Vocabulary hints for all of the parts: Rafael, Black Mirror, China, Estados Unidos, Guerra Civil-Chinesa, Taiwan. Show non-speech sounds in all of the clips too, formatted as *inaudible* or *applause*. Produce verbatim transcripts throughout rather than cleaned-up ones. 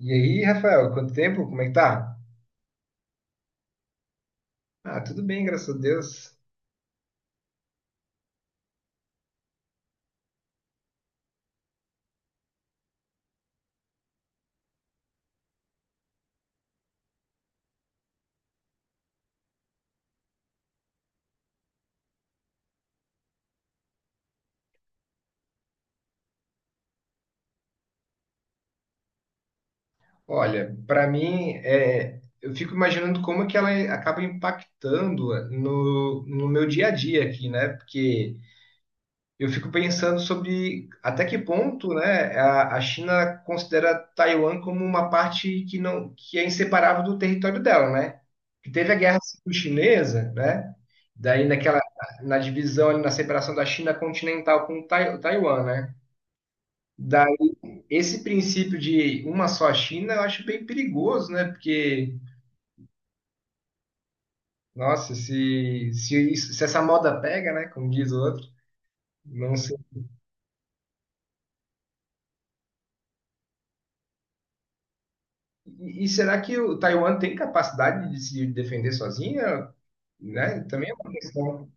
E aí, Rafael, quanto tempo? Como é que tá? Ah, tudo bem, graças a Deus. Olha, para mim, é, eu fico imaginando como é que ela acaba impactando no, no meu dia a dia aqui, né? Porque eu fico pensando sobre até que ponto, né, a, a China considera Taiwan como uma parte que não, que é inseparável do território dela, né? Que teve a Guerra Civil-Chinesa, né? Daí naquela, Na divisão, ali, na separação da China continental com Tai- Taiwan, né? Daí, esse princípio de uma só China eu acho bem perigoso, né? Porque, nossa, se, se, isso- se essa moda pega, né? Como diz o outro, não sei. E, e será que o Taiwan tem capacidade de se defender sozinha? Né? Também é uma questão.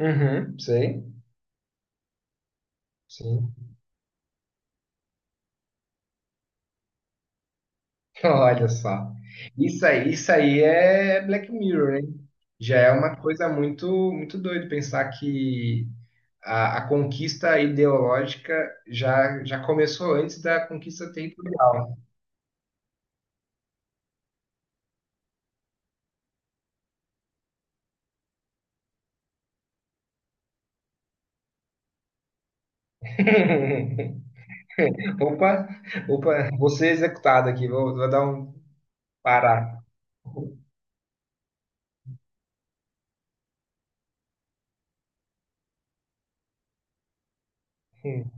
Uhum, sei, sim. Olha só. Isso aí, isso aí é Black Mirror, hein? Já é uma coisa muito, muito doido pensar que a, a conquista ideológica já, já começou antes da conquista territorial. *laughs* Opa, opa, vou ser executado aqui, vou, vou dar um parar. Hum.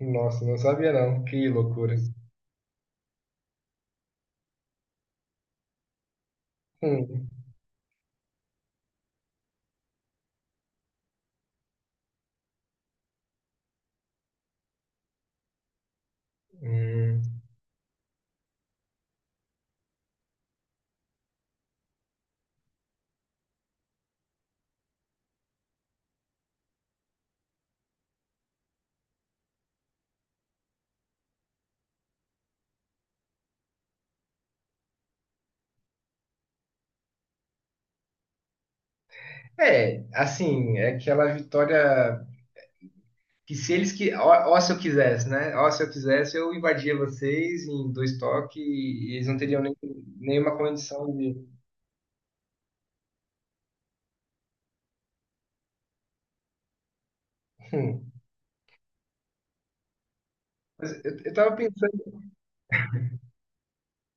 Nossa, não sabia não, que loucura. Hum, hum. É, assim, é aquela vitória. Que se eles que. Ó, ó se eu quisesse, né? Ó, se eu quisesse, eu invadia vocês em dois toques e eles não teriam nem, nenhuma condição de. *laughs* Mas eu, eu tava pensando.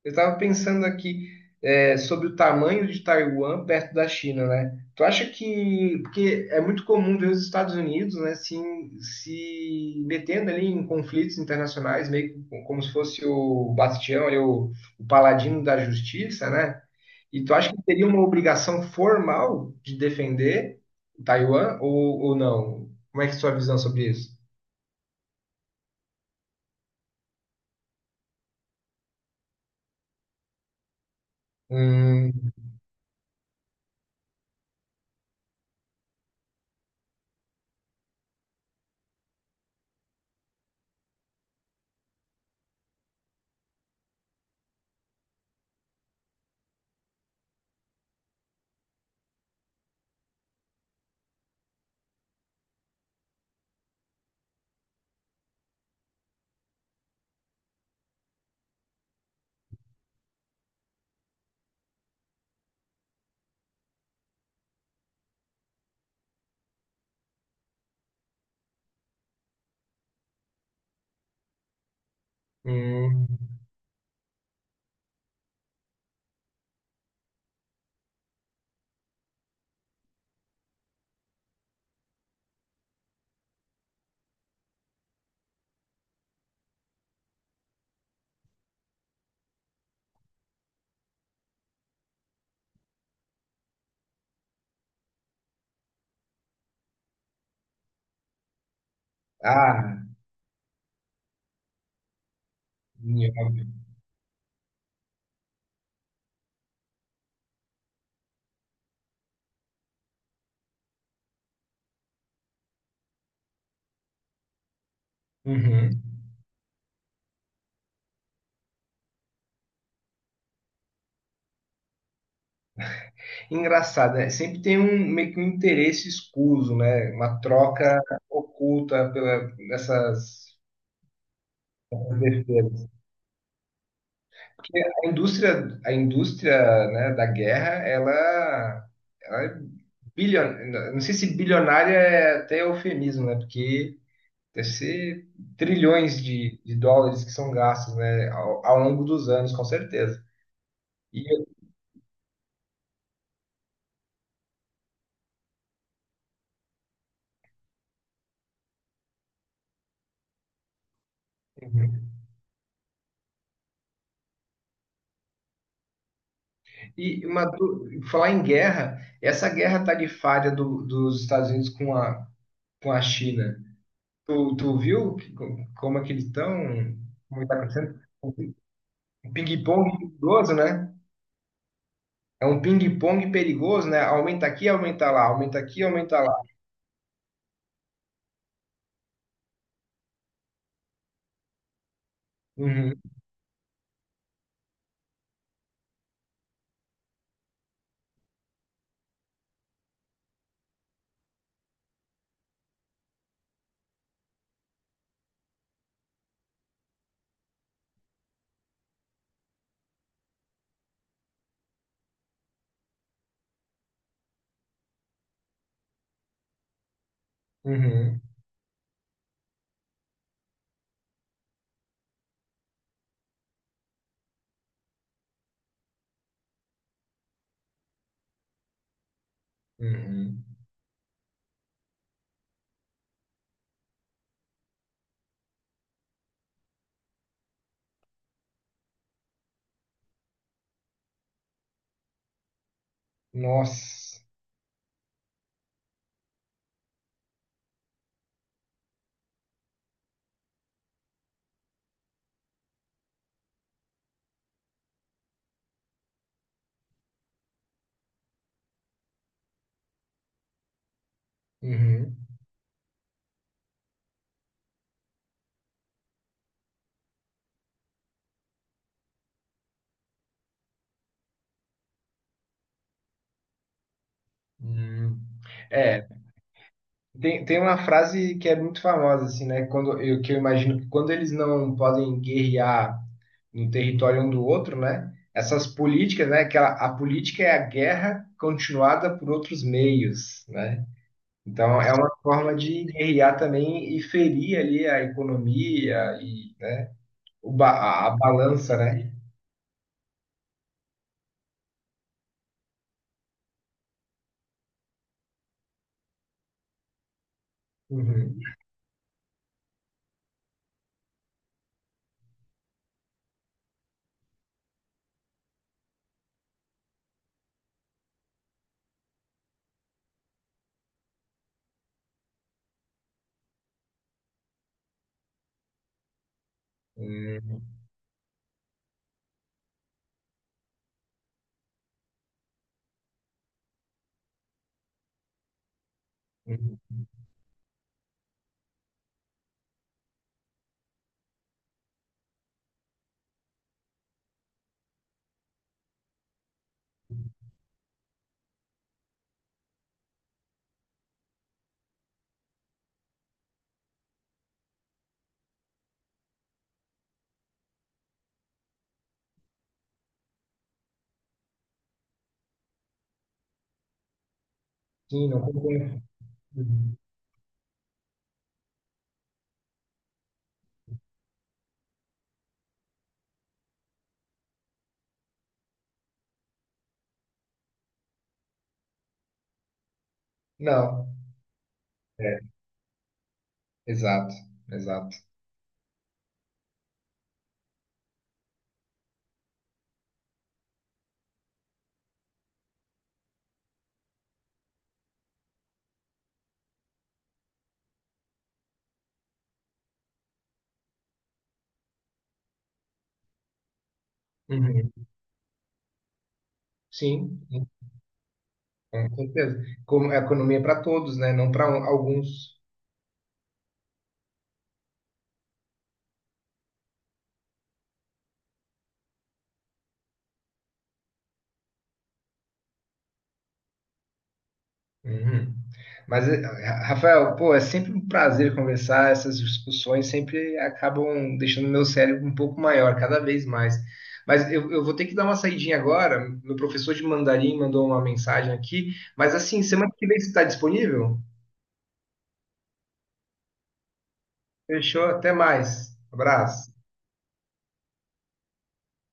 Eu estava pensando aqui é, sobre o tamanho de Taiwan perto da China, né? Tu acha que, porque é muito comum ver os Estados Unidos, né, se, se metendo ali em conflitos internacionais, meio que como se fosse o Bastião, ali, o, o paladino da justiça, né? E tu acha que teria uma obrigação formal de defender Taiwan ou, ou não? Como é que é a sua visão sobre isso? Hum, hum. Ah, óbvio. Uhum. Engraçado, né? Sempre tem um meio que um interesse escuso, né? Uma troca oculta pela essas besteiras. Porque a indústria, a indústria, né, da guerra, ela, ela é bilionária. Não sei se bilionária é até eufemismo, né? Porque deve ser trilhões de, de dólares que são gastos, né, ao, ao longo dos anos, com certeza. E, assim, e uma du- falar em guerra, essa guerra tarifária do- dos Estados Unidos com a, com a China, tu, tu viu que- como é que eles estão? Como está acontecendo? Um ping-pong perigoso, né? É um ping-pong perigoso, né? Aumenta aqui, aumenta lá, aumenta aqui, aumenta lá. Uhum, uhum, uhum. Nossa. Uhum, uhum. É. Tem, tem uma frase que é muito famosa, assim, né? Quando, eu, que eu imagino que quando eles não podem guerrear no território um do outro, né? Essas políticas, né? Que a, a política é a guerra continuada por outros meios, né? Então, é uma forma de guerrear também e ferir ali a economia e, né? O ba a, a balança, né? Uhum. Uhum. Uhum. Sim, não concordo. Uhum. Não, é, exato, exato. Uhum. Sim. Com certeza. Como, é economia é para todos, né? Não para alguns. Uhum. Mas, eh, Ra- Rafael, pô, é sempre um prazer conversar. Essas discussões sempre acabam deixando meu cérebro um pouco maior, cada vez mais. Mas eu, eu vou ter que dar uma saidinha agora. Meu professor de mandarim mandou uma mensagem aqui. Mas, assim, semana que vem você está disponível? Fechou, até mais. Abraço.